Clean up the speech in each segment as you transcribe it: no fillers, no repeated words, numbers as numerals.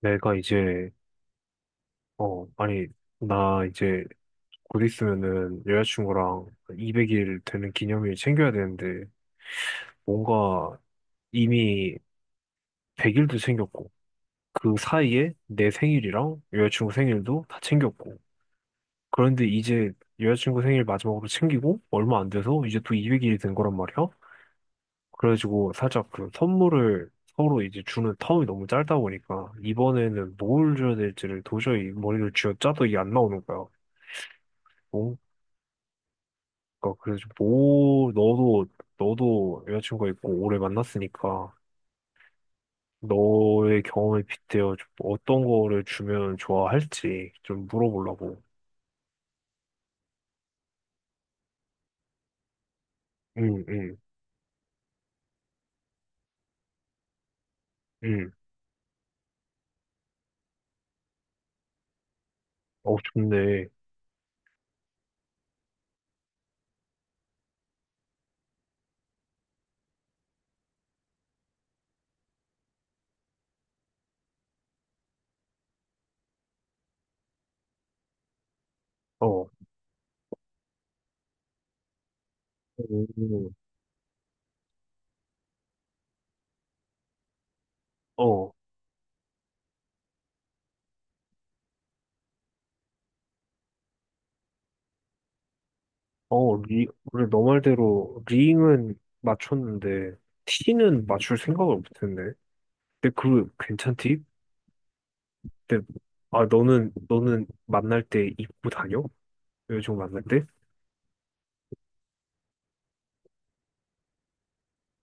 내가 이제, 아니, 나 이제 곧 있으면은 여자친구랑 200일 되는 기념일 챙겨야 되는데, 뭔가 이미 100일도 챙겼고, 그 사이에 내 생일이랑 여자친구 생일도 다 챙겼고, 그런데 이제 여자친구 생일 마지막으로 챙기고, 얼마 안 돼서 이제 또 200일이 된 거란 말이야? 그래가지고 살짝 그 선물을 서로 이제 주는 텀이 너무 짧다 보니까, 이번에는 뭘 줘야 될지를 도저히 머리를 쥐어짜도 이게 안 나오는 거야. 그러니까 그래서 뭐 너도 여자친구가 있고 오래 만났으니까 너의 경험에 빗대어 좀 어떤 거를 주면 좋아할지 좀 물어보려고. 응, 응, 응. 어, 좋네. 어, 음, 어, 어, 그래, 너 말대로 링은 맞췄는데 티는 맞출 생각을 못했네. 근데 그 괜찮디? 근데 아, 너는 만날 때 입고 다녀? 여자친구 만날 때?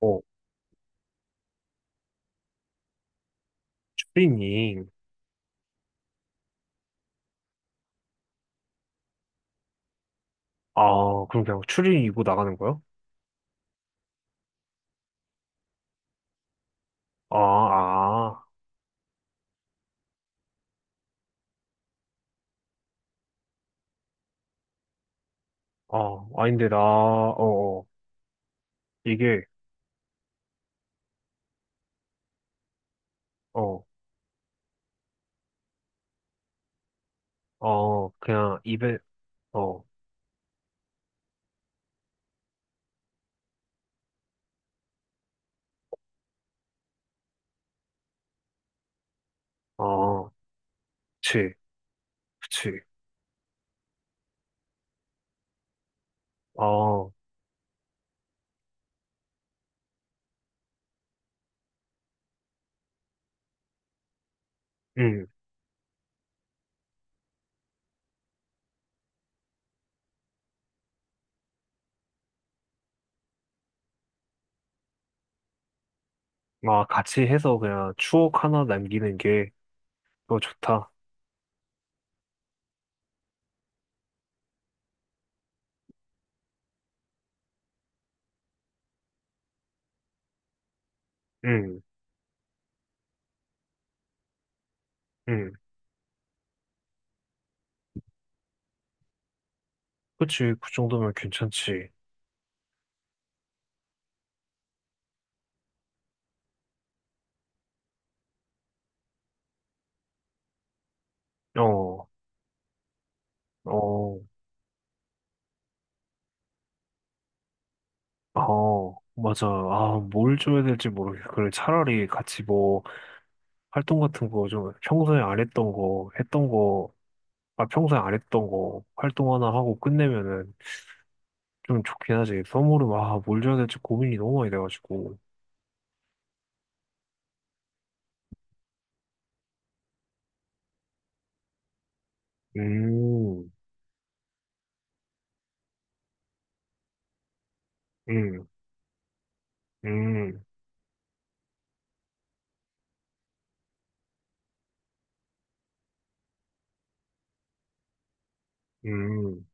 어, 추리닝. 아, 그럼 그냥 추리 이고 나가는 거야? 아, 아, 아, 아, 아닌데, 나, 어, 어. 이게, 어, 어, 어, 어, 그치, 그치, 어, 음, 아, 같이 해서 그냥 추억 하나 남기는 게 더 좋다. 음, 음, 그치, 그 정도면 괜찮지. 어, 어, 어, 맞아. 아, 뭘 줘야 될지 모르겠어. 그래, 차라리 같이 뭐, 활동 같은 거 좀 평소에 안 했던 거, 했던 거, 아, 평소에 안 했던 거 활동 하나 하고 끝내면은 좀 좋긴 하지. 선물은 와, 뭘 줘야 될지 고민이 너무 많이 돼가지고. 음, 음, 음, 음.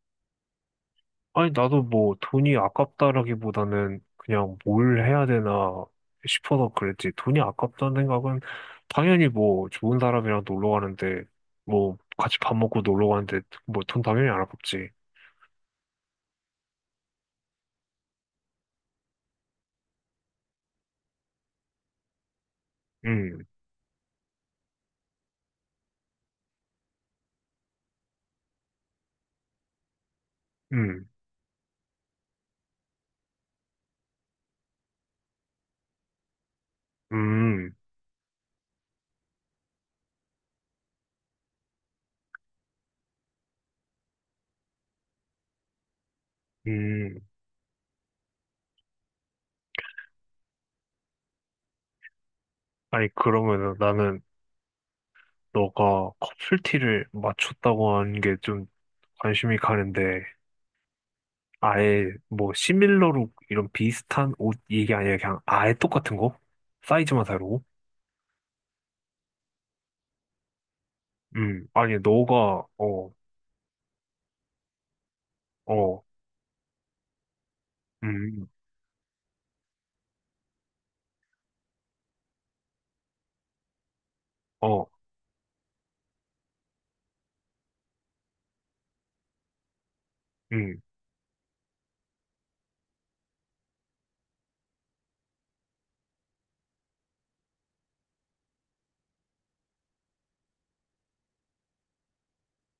아니, 나도 뭐 돈이 아깝다라기보다는 그냥 뭘 해야 되나 싶어서 그랬지. 돈이 아깝다는 생각은 당연히 뭐 좋은 사람이랑 놀러 가는데 뭐 같이 밥 먹고 놀러 가는데 뭐 돈 당연히 안 아깝지. 음, 음, 음, 음. 아니, 그러면은 나는 너가 커플티를 맞췄다고 하는 게 좀 관심이 가는데, 아예 뭐 시밀러룩 이런 비슷한 옷 얘기 아니라 그냥 아예 똑같은 거? 사이즈만 다르고? 아니, 너가, 어, 어, 음, 어, 음,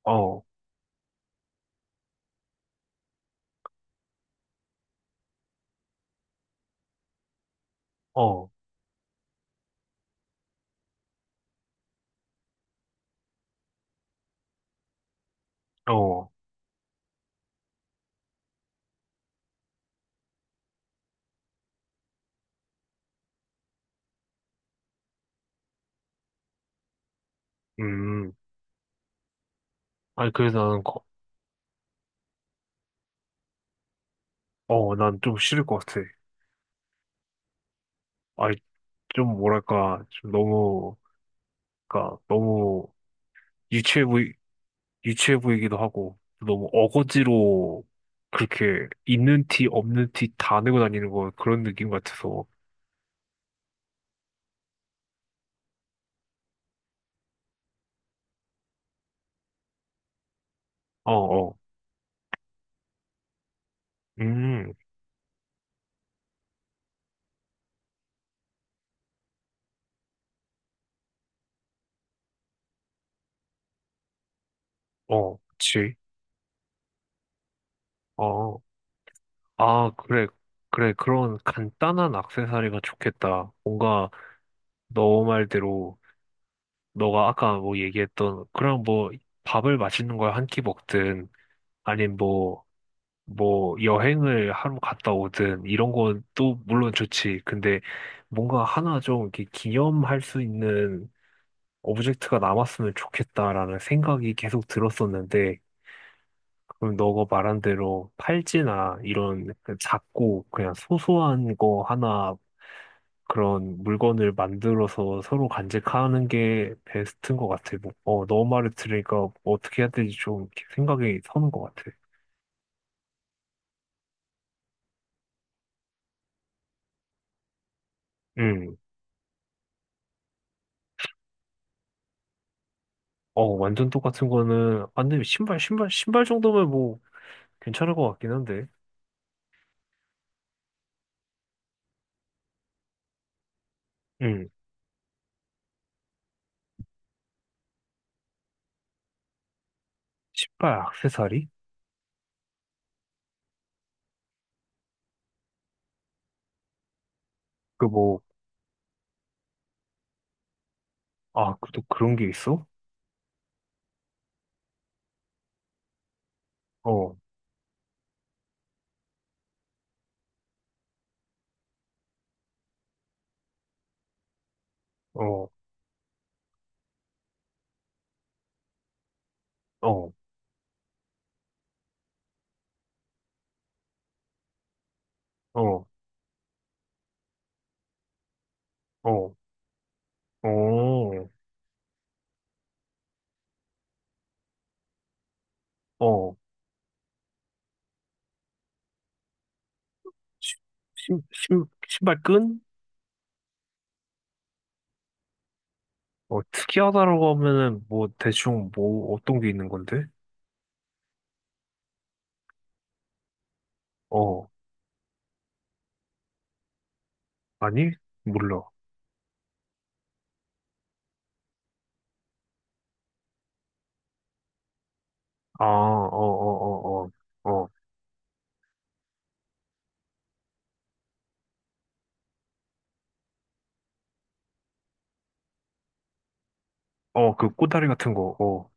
어, 어, 어, 음. 아니, 그래서 난 좀 싫을 것 같아. 아니, 좀 뭐랄까, 좀 너무, 그니까, 너무 유치해 보이, 유치해 보이기도 하고 너무 어거지로 그렇게 있는 티 없는 티 다 내고 다니는 거 그런 느낌 같아서 어 어 음 어 그치 어아 그래 그래 그런 간단한 액세서리가 좋겠다. 뭔가 너 말대로 너가 아까 뭐 얘기했던 그런 뭐 밥을 맛있는 걸 한 끼 먹든 아니면 뭐 여행을 하러 갔다 오든 이런 건 또 물론 좋지. 근데 뭔가 하나 좀 이렇게 기념할 수 있는 오브젝트가 남았으면 좋겠다라는 생각이 계속 들었었는데 그럼 너가 말한 대로 팔찌나 이런 그 작고 그냥 소소한 거 하나 그런 물건을 만들어서 서로 간직하는 게 베스트인 것 같아. 뭐, 어, 너 말을 들으니까 어떻게 해야 될지 좀 이렇게 생각이 서는 것 같아. 어, 완전 똑같은 거는, 안 돼, 신발 정도면 뭐, 괜찮을 것 같긴 한데. 응, 신발, 액세서리? 그 뭐, 아, 그 또 그런 게 있어? 어, 어, 어, 어, 어, 어, 어, 신, 신발 끈? 어, 특이하다라고 하면은, 뭐, 대충, 뭐, 어떤 게 있는 건데? 어, 아니? 몰라. 아, 어, 어, 어, 어, 어, 어, 그 꼬다리 같은 거, 어,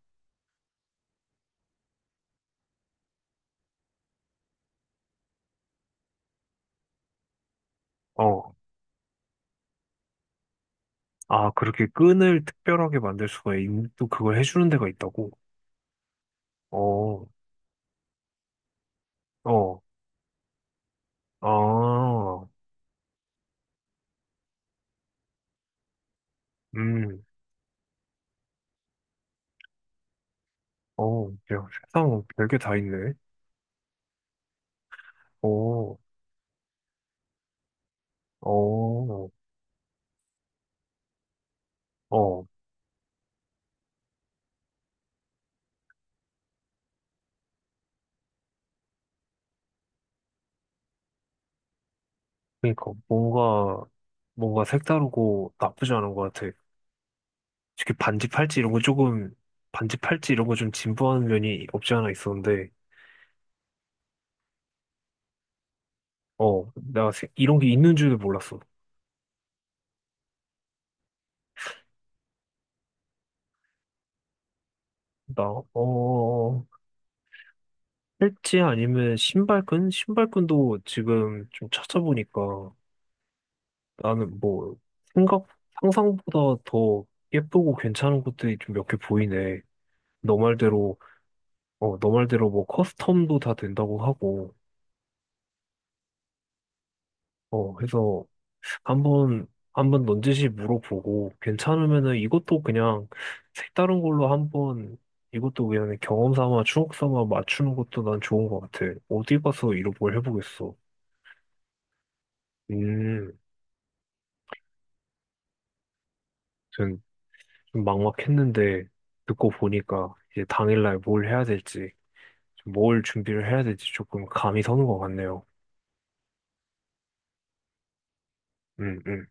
어. 아, 그렇게 끈을 특별하게 만들 수가 또 그걸 해주는 데가 있다고? 어, 어, 아, 음, 어, 야, 세상 별게 다 있네. 어, 어, 어, 그러니까 뭔가 색다르고 나쁘지 않은 것 같아. 특히 반지 팔찌 이런 거 좀 진부한 면이 없지 않아 있었는데, 어, 이런 게 있는 줄도 몰랐어. 나, 어, 어, 어. 팔찌 아니면 신발끈? 신발끈도 지금 좀 찾아보니까 나는 뭐 생각, 상상보다 더 예쁘고 괜찮은 것들이 좀 몇 개 보이네. 너 말대로, 너 말대로 뭐 커스텀도 다 된다고 하고, 어, 해서 한번, 한번 넌지시 물어보고 괜찮으면은 이것도 그냥 색다른 걸로 한번 이것도 그냥 경험 삼아 추억 삼아 맞추는 것도 난 좋은 것 같아. 어디 가서 이런 걸 해보겠어. 음. 좀 막막했는데 듣고 보니까 이제 당일날 뭘 해야 될지, 뭘 준비를 해야 될지 조금 감이 서는 것 같네요. 음, 음.